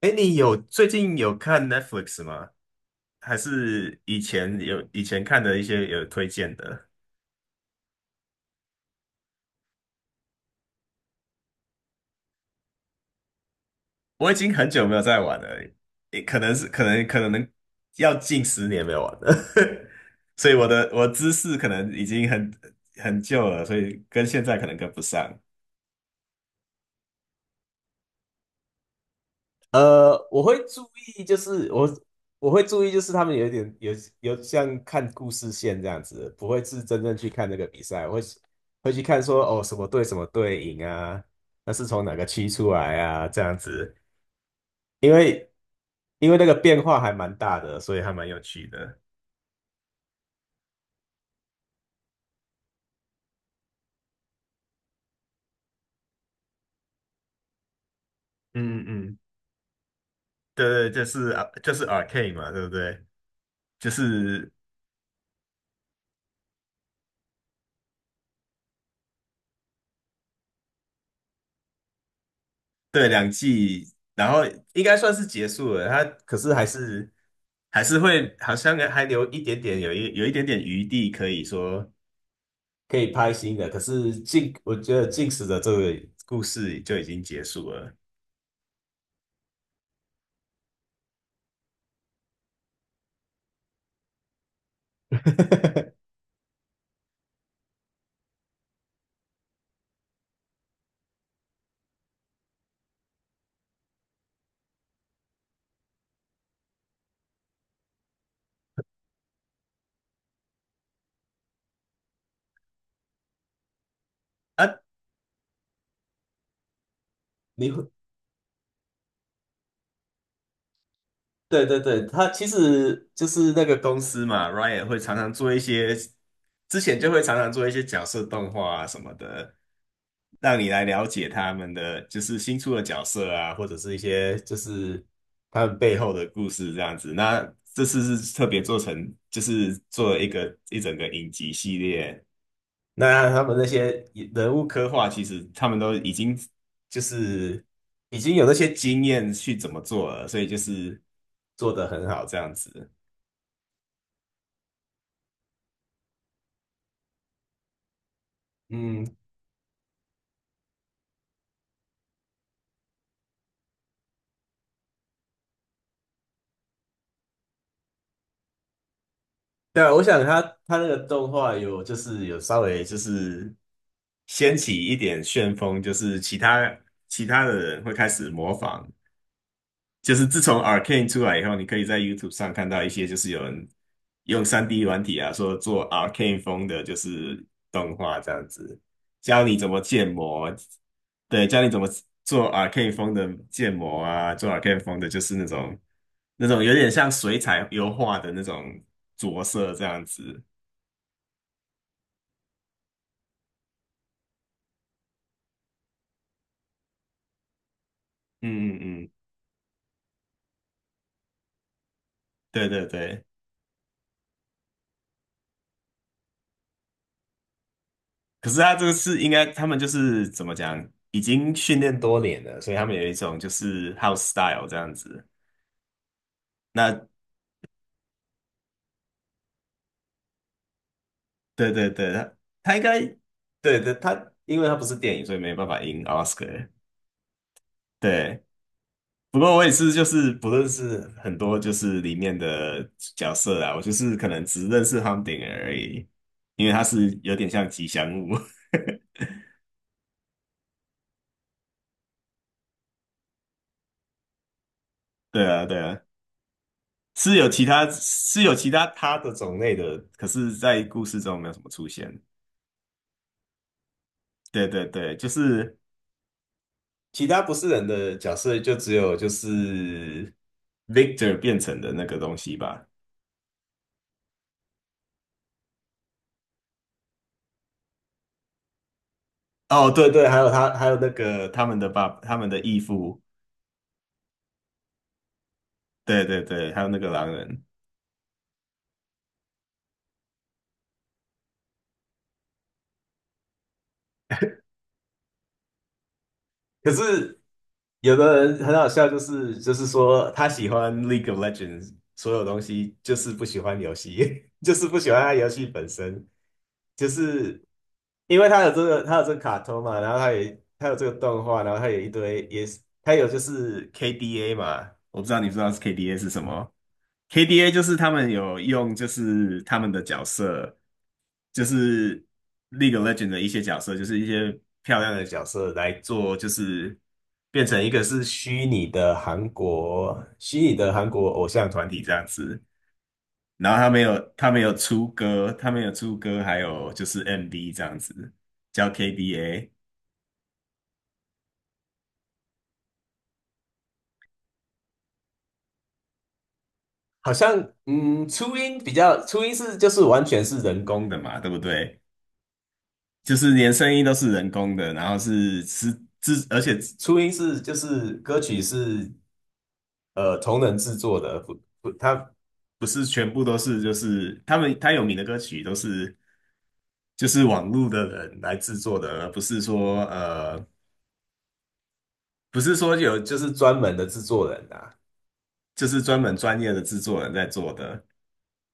哎，你最近有看 Netflix 吗？还是以前看的一些有推荐的？我已经很久没有在玩了，也可能是可能可能要近十年没有玩了，所以我知识可能已经很旧了，所以跟现在可能跟不上。我会注意，就是我会注意，就是他们有一点有有像看故事线这样子，不会是真正去看那个比赛，我会去看说哦什么队什么队赢啊，那是从哪个区出来啊这样子，因为因为那个变化还蛮大的，所以还蛮有趣的。嗯嗯嗯，对对，就是啊就是 Arcane 嘛，对不对？就是对两季，然后应该算是结束了，它可是还是。还是会好像还留一点点，有一点点余地，可以拍新的。可是近，我觉得《近食的这个故事就已经结束了 啊。你会对对对，他其实就是那个公司嘛 r y a n 会常常做一些，之前就会常常做一些角色动画啊什么的，让你来了解他们的就是新出的角色啊，或者是一些就是他们背后的故事这样子。那这次是特别做成，就是做了一整个影集系列，那他们那些人物刻画，其实他们都已经就是已经有那些经验去怎么做了，所以就是做得很好这样子。嗯，对啊我想他那个动画就是稍微就是掀起一点旋风，就是其他的人会开始模仿，就是自从 Arcane 出来以后，你可以在 YouTube 上看到一些就是有人用 3D 软体啊，说做 Arcane 风的，就是动画这样子，教你怎么建模，对，教你怎么做 Arcane 风的建模啊，做 Arcane 风的就是那种有点像水彩油画的那种着色这样子。嗯嗯嗯，对对对。可是他这个是应该，他们就是怎么讲，已经训练多年了，所以他们有一种就是 house style 这样子。那对对对，他应该对对他，因为他不是电影，所以没办法赢 Oscar。对，不过我也是，就是不认识很多，就是里面的角色啊，我就是可能只认识 h u m d i n g 而已，因为他是有点像吉祥物。对啊，对啊，是有其他他的种类的，可是在故事中没有什么出现。对对对，就是其他不是人的角色，就只有就是 Victor 变成的那个东西吧。哦，对对，还有他，还有那个他们的爸，他们的义父，对对对，还有那个狼人。可是有的人很好笑，就是说他喜欢 League of Legends 所有东西，就是不喜欢游戏，就是不喜欢他游戏本身，就是因为他有这个卡通嘛，然后他也他有这个动画，然后他有一堆也是他有就是 KDA 嘛，我不知道你不知道是 KDA 是什么。KDA 就是他们有用，就是他们的角色，就是 League of l e g e n d 的一些角色，就是一些漂亮的角色来做，就是变成一个是虚拟的韩国偶像团体这样子。然后他没有出歌，他没有出歌，还有就是 MV 这样子，叫 KDA,好像嗯，初音比较，初音是就是完全是人工的嘛，对不对？就是连声音都是人工的，然后是制，而且初音是就是歌曲是同人制作的，不不，它不是全部都是就是他们他有名的歌曲都是就是网络的人来制作的，而不是说不是说有就是专门的制作人啊，就是专业的制作人在做的，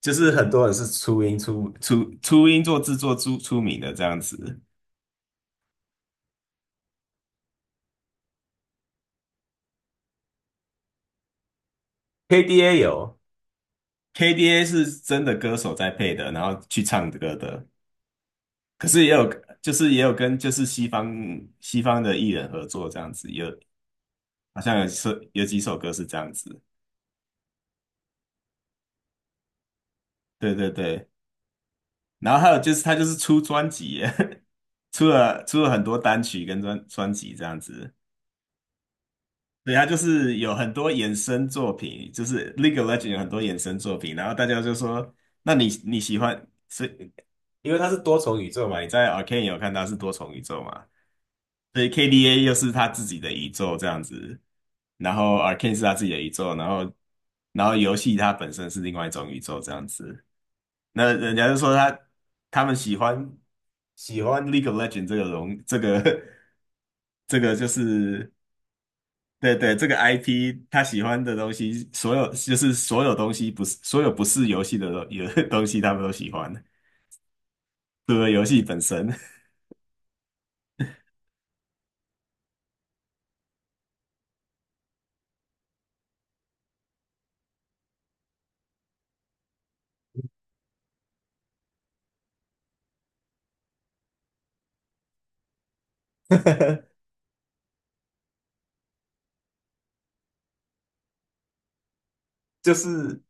就是很多人是初音初音做制作名的这样子，KDA 有。KDA 是真的歌手在配的，然后去唱歌的。可是也有，就是也有跟就是西方的艺人合作这样子，有好像有几首歌是这样子。对对对，然后还有就是他就是出专辑耶 出了很多单曲跟专辑这样子。对，他就是有很多衍生作品，就是 l e g a e l e g e n d 有很多衍生作品，然后大家就说，那你喜欢，所以因为它是多重宇宙嘛，你在 Arcane 有看到是多重宇宙嘛？所以 k d a 又是他自己的宇宙这样子，然后 Arcane 是他自己的宇宙，然后游戏它本身是另外一种宇宙这样子。那人家就说他他们喜欢 League of Legends 这个荣这个 这个就是对对这个 IP 他喜欢的东西，所有东西不是所有不是游戏的东有 东西他们都喜欢，除了游戏本身，就是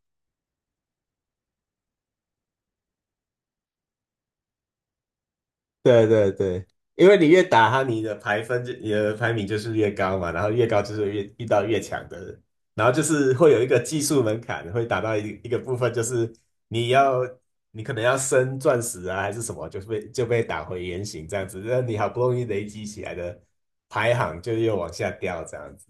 对对对，因为你越打他，你的排名就是越高嘛，然后越高就是越遇到越强的人，然后就是会有一个技术门槛，会打到一个部分，就是你要你可能要升钻石啊还是什么，就是被就被打回原形这样子，那你好不容易累积起来的排行就又往下掉这样子。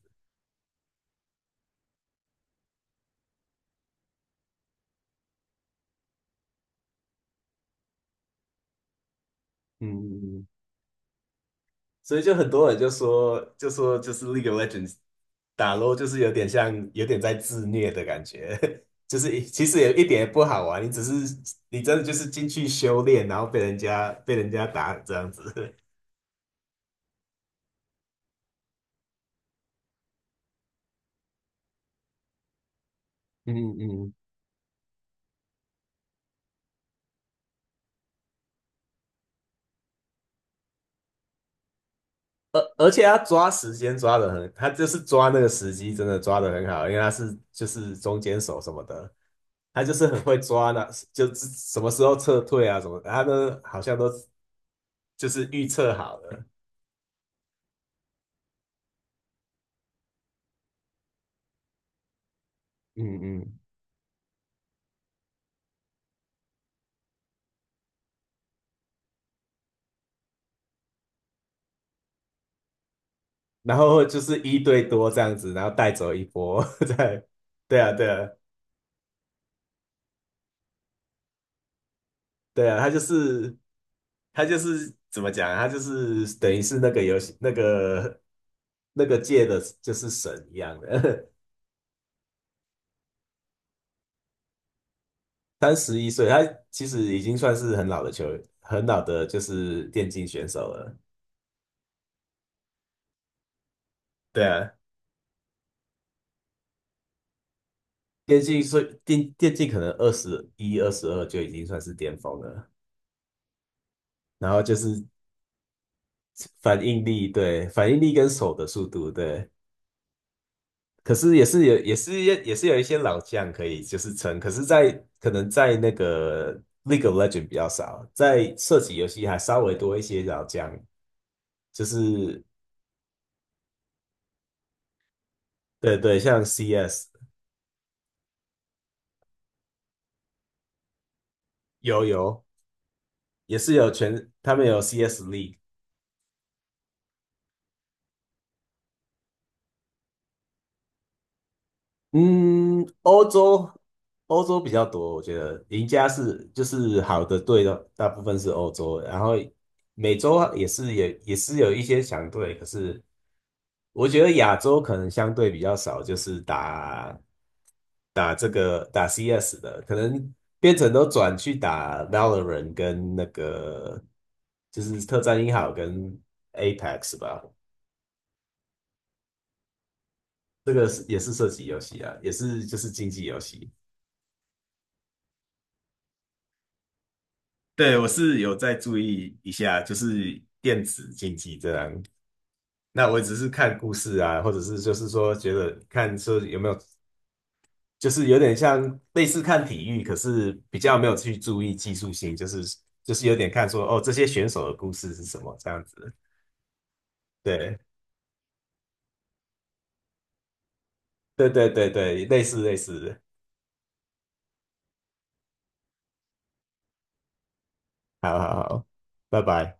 嗯，所以就很多人就说，就是 League of Legends 打 LoL 就是有点像，有点在自虐的感觉，就是一其实也一点也不好玩，你只是你真的就是进去修炼，然后被人家打这样子，嗯嗯，而而且他抓时间抓的很，他就是抓那个时机真的抓的很好，因为他是就是中间手什么的，他就是很会抓那，就是什么时候撤退啊什么的，他都好像都就是预测好了。嗯嗯然后就是一对多这样子，然后带走一波，对，对啊，对啊，对啊，他就是怎么讲啊？他就是等于是那个游戏那个界的，就是神一样的，三十一岁，他其实已经算是很老的球，很老的就是电竞选手了。对啊，电竞所以电电竞可能二十一、二十二就已经算是巅峰了，然后就是反应力，对，反应力跟手的速度，对。可是也是有一些老将可以就是撑，可是在，可能在那个 League of Legends 比较少，在射击游戏还稍微多一些老将，就是对对，像 CS 有也是有全他们有 CS League,嗯，欧洲比较多，我觉得赢家是就是好的队的大部分是欧洲，然后美洲也是有一些强队，可是。我觉得亚洲可能相对比较少，就是打打 CS 的，可能变成都转去打 Valorant 跟那个就是特战英豪跟 Apex 吧，这个是也是射击游戏啊，也是就是竞技游戏。对，我是有在注意一下，就是电子竞技这样。那我只是看故事啊，或者是就是说觉得看说有没有就是有点像类似看体育，可是比较没有去注意技术性，就是就是有点看说哦，这些选手的故事是什么这样子。对，对对对对，类似类似。好好好，拜拜。